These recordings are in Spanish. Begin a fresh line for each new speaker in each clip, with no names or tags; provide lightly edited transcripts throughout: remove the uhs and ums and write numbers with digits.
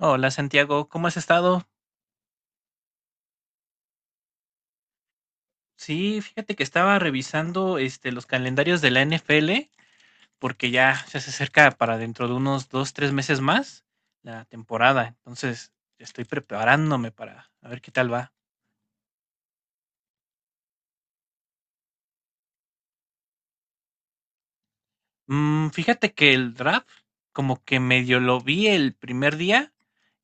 Hola Santiago, ¿cómo has estado? Sí, fíjate que estaba revisando los calendarios de la NFL porque ya se acerca, para dentro de unos dos, tres meses más, la temporada. Entonces estoy preparándome para a ver qué tal va. Fíjate que el draft como que medio lo vi el primer día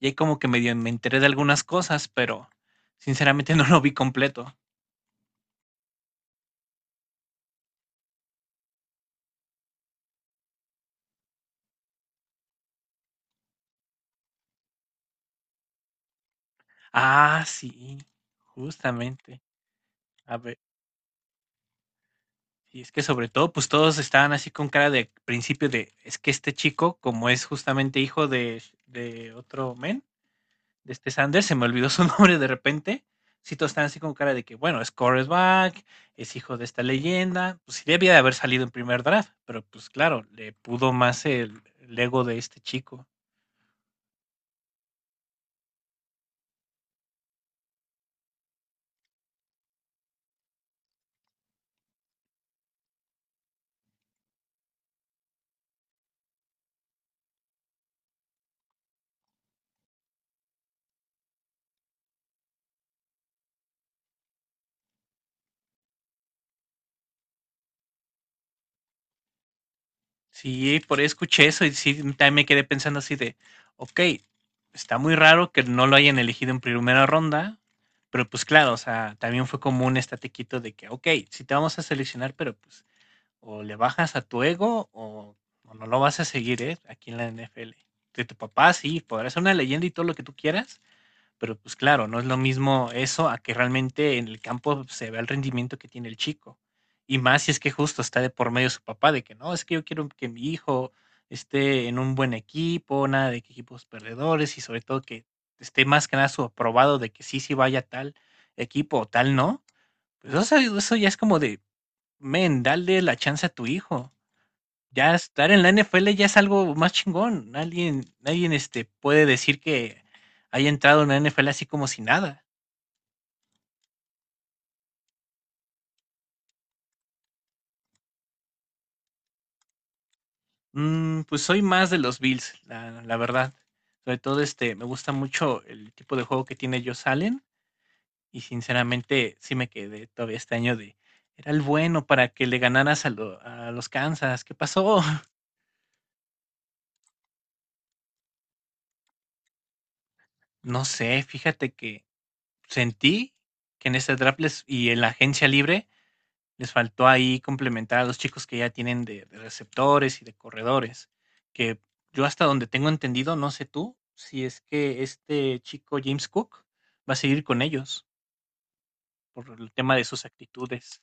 y ahí como que medio me enteré de algunas cosas, pero sinceramente no lo vi completo. Ah, sí, justamente. A ver. Y es que sobre todo, pues todos estaban así con cara de principio de, es que este chico, como es justamente hijo de otro men, de este Sanders, se me olvidó su nombre de repente, sí todos están así con cara de que, bueno, es quarterback, es hijo de esta leyenda, pues sí debía de haber salido en primer draft, pero pues claro, le pudo más el ego de este chico. Sí, por ahí escuché eso y sí, también me quedé pensando así de, ok, está muy raro que no lo hayan elegido en primera ronda, pero pues claro, o sea, también fue como un estatequito de que, ok, sí te vamos a seleccionar, pero pues o le bajas a tu ego o no lo vas a seguir, ¿eh? Aquí en la NFL. De tu papá, sí, podrá ser una leyenda y todo lo que tú quieras, pero, pues claro, no es lo mismo eso a que realmente en el campo se vea el rendimiento que tiene el chico. Y más si es que justo está de por medio su papá, de que no, es que yo quiero que mi hijo esté en un buen equipo, nada de que equipos perdedores y sobre todo que esté más que nada su aprobado de que sí, sí vaya a tal equipo o tal no. Pues eso ya es como de, men, dale la chance a tu hijo. Ya estar en la NFL ya es algo más chingón. Alguien, alguien este, puede decir que haya entrado en la NFL así como si nada. Pues soy más de los Bills, la verdad. Sobre todo este, me gusta mucho el tipo de juego que tiene Josh Allen. Y sinceramente sí me quedé todavía este año de, era el bueno para que le ganaras a, a los Kansas. ¿Qué pasó? No sé, fíjate que sentí que en este draft y en la agencia libre les faltó ahí complementar a los chicos que ya tienen de receptores y de corredores, que yo hasta donde tengo entendido, no sé tú, si es que este chico James Cook va a seguir con ellos por el tema de sus actitudes.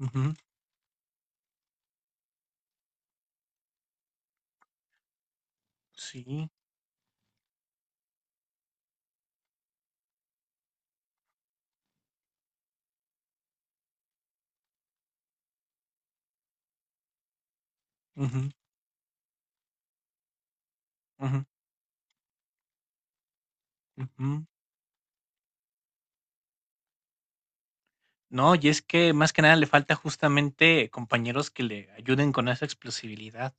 Ujú. Sí. Ujú, ujú, ujú. No, y es que más que nada le falta justamente compañeros que le ayuden con esa explosibilidad,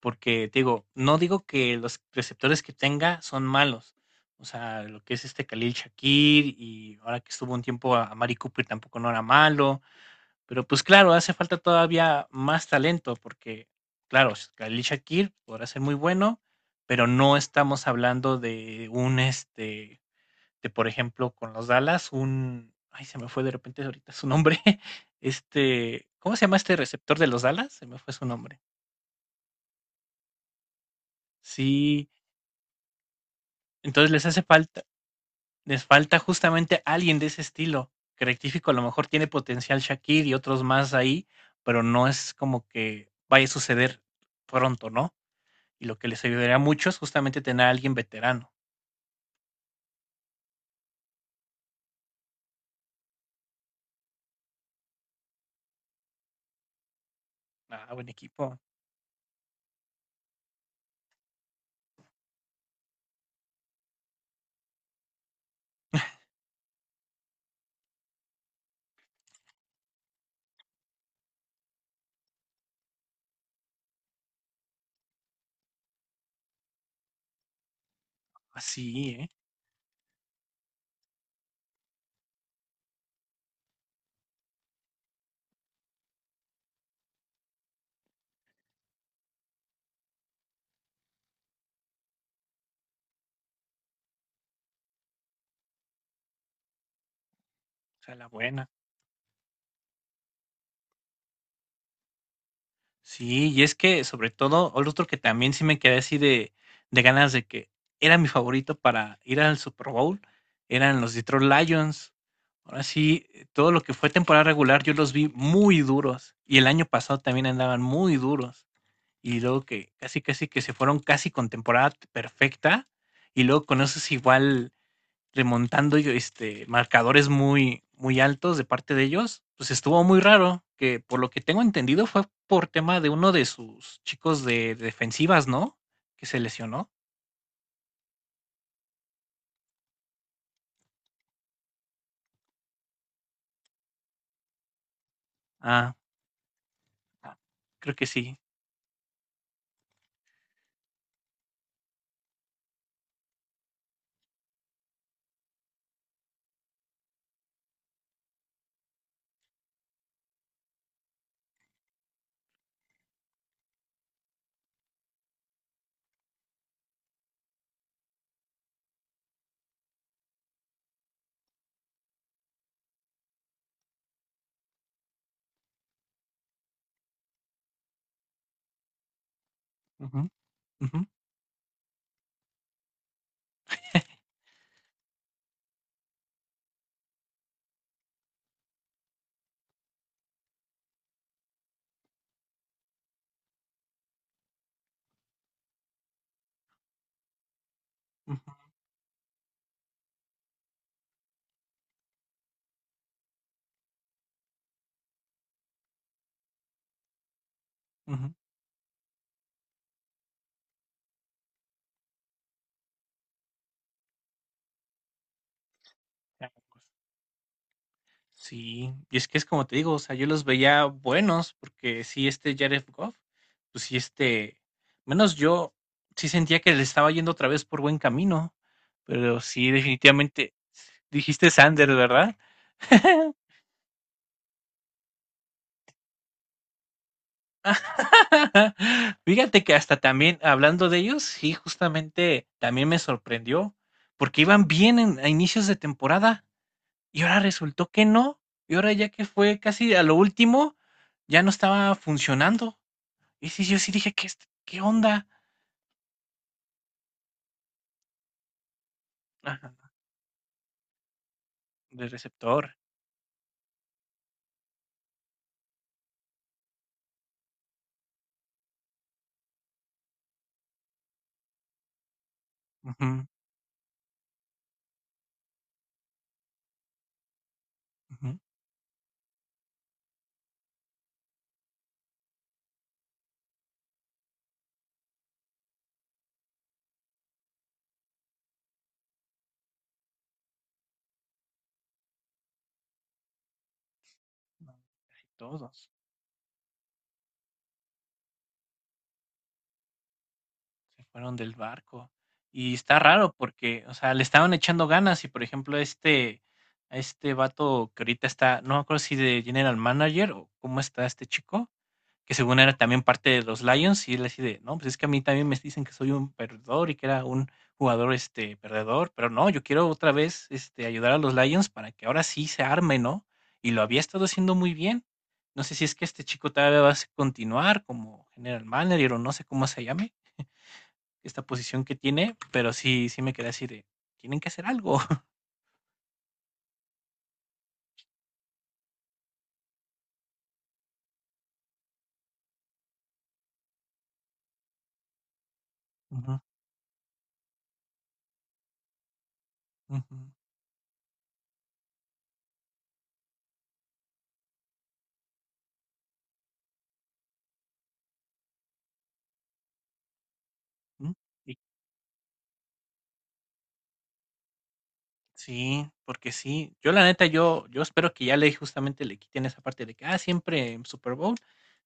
porque te digo, no digo que los receptores que tenga son malos, o sea, lo que es este Khalil Shakir y ahora que estuvo un tiempo a Mari Cooper tampoco no era malo, pero pues claro, hace falta todavía más talento, porque claro, Khalil Shakir podrá ser muy bueno, pero no estamos hablando de un este de, por ejemplo, con los Dallas, un. Ay, se me fue de repente ahorita su nombre. Este. ¿Cómo se llama este receptor de los Dallas? Se me fue su nombre. Sí. Entonces les hace falta. Les falta justamente alguien de ese estilo. Que rectifico, a lo mejor tiene potencial Shakir y otros más ahí, pero no es como que vaya a suceder pronto, ¿no? Y lo que les ayudaría mucho es justamente tener a alguien veterano. Ah, buen equipo. Así, ¿eh? O sea, la buena. Sí, y es que sobre todo, o otro que también sí me quedé así de ganas de que era mi favorito para ir al Super Bowl, eran los Detroit Lions. Ahora sí, todo lo que fue temporada regular yo los vi muy duros y el año pasado también andaban muy duros y luego que casi casi que se fueron casi con temporada perfecta y luego con esos igual remontando yo, este, marcadores muy, muy altos de parte de ellos, pues estuvo muy raro, que por lo que tengo entendido fue por tema de uno de sus chicos de defensivas, ¿no? Que se lesionó. Ah, ah, creo que sí. Ujú, ujú, ujú, ujú. Sí, y es que es como te digo, o sea, yo los veía buenos, porque sí, este Jared Goff, pues sí, este, menos yo sí sentía que le estaba yendo otra vez por buen camino, pero sí, definitivamente, dijiste Sanders, ¿verdad? Fíjate que hasta también, hablando de ellos, sí, justamente también me sorprendió, porque iban bien a inicios de temporada y ahora resultó que no, y ahora ya que fue casi a lo último, ya no estaba funcionando. Y sí, yo sí dije: "¿Qué es qué onda?". Ajá, del receptor. Ujú, ujú. No, todos se fueron del barco. Y está raro porque, o sea, le estaban echando ganas y, por ejemplo, este a este vato que ahorita está, no me acuerdo si de general manager o cómo está este chico, que según era también parte de los Lions, y él así de, no, pues es que a mí también me dicen que soy un perdedor y que era un jugador este perdedor, pero no, yo quiero otra vez este ayudar a los Lions para que ahora sí se arme, ¿no? Y lo había estado haciendo muy bien. No sé si es que este chico todavía va a continuar como general manager o no sé cómo se llame esta posición que tiene, pero sí me quedé así de tienen que hacer algo. Ujú, ujú, ujú. Y sí, porque sí. Yo la neta, yo espero que ya le justamente le quiten esa parte de que ah, siempre en Super Bowl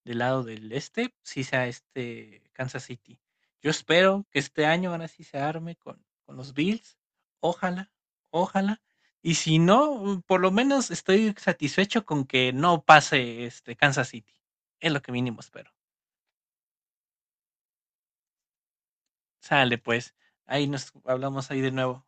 del lado del este, sí sea este Kansas City. Yo espero que este año ahora sí se arme con los Bills. Ojalá, ojalá. Y si no, mm, por lo menos estoy satisfecho con que no pase este Kansas City. Es lo que mínimo espero. Sale pues. Ahí nos hablamos ahí de nuevo.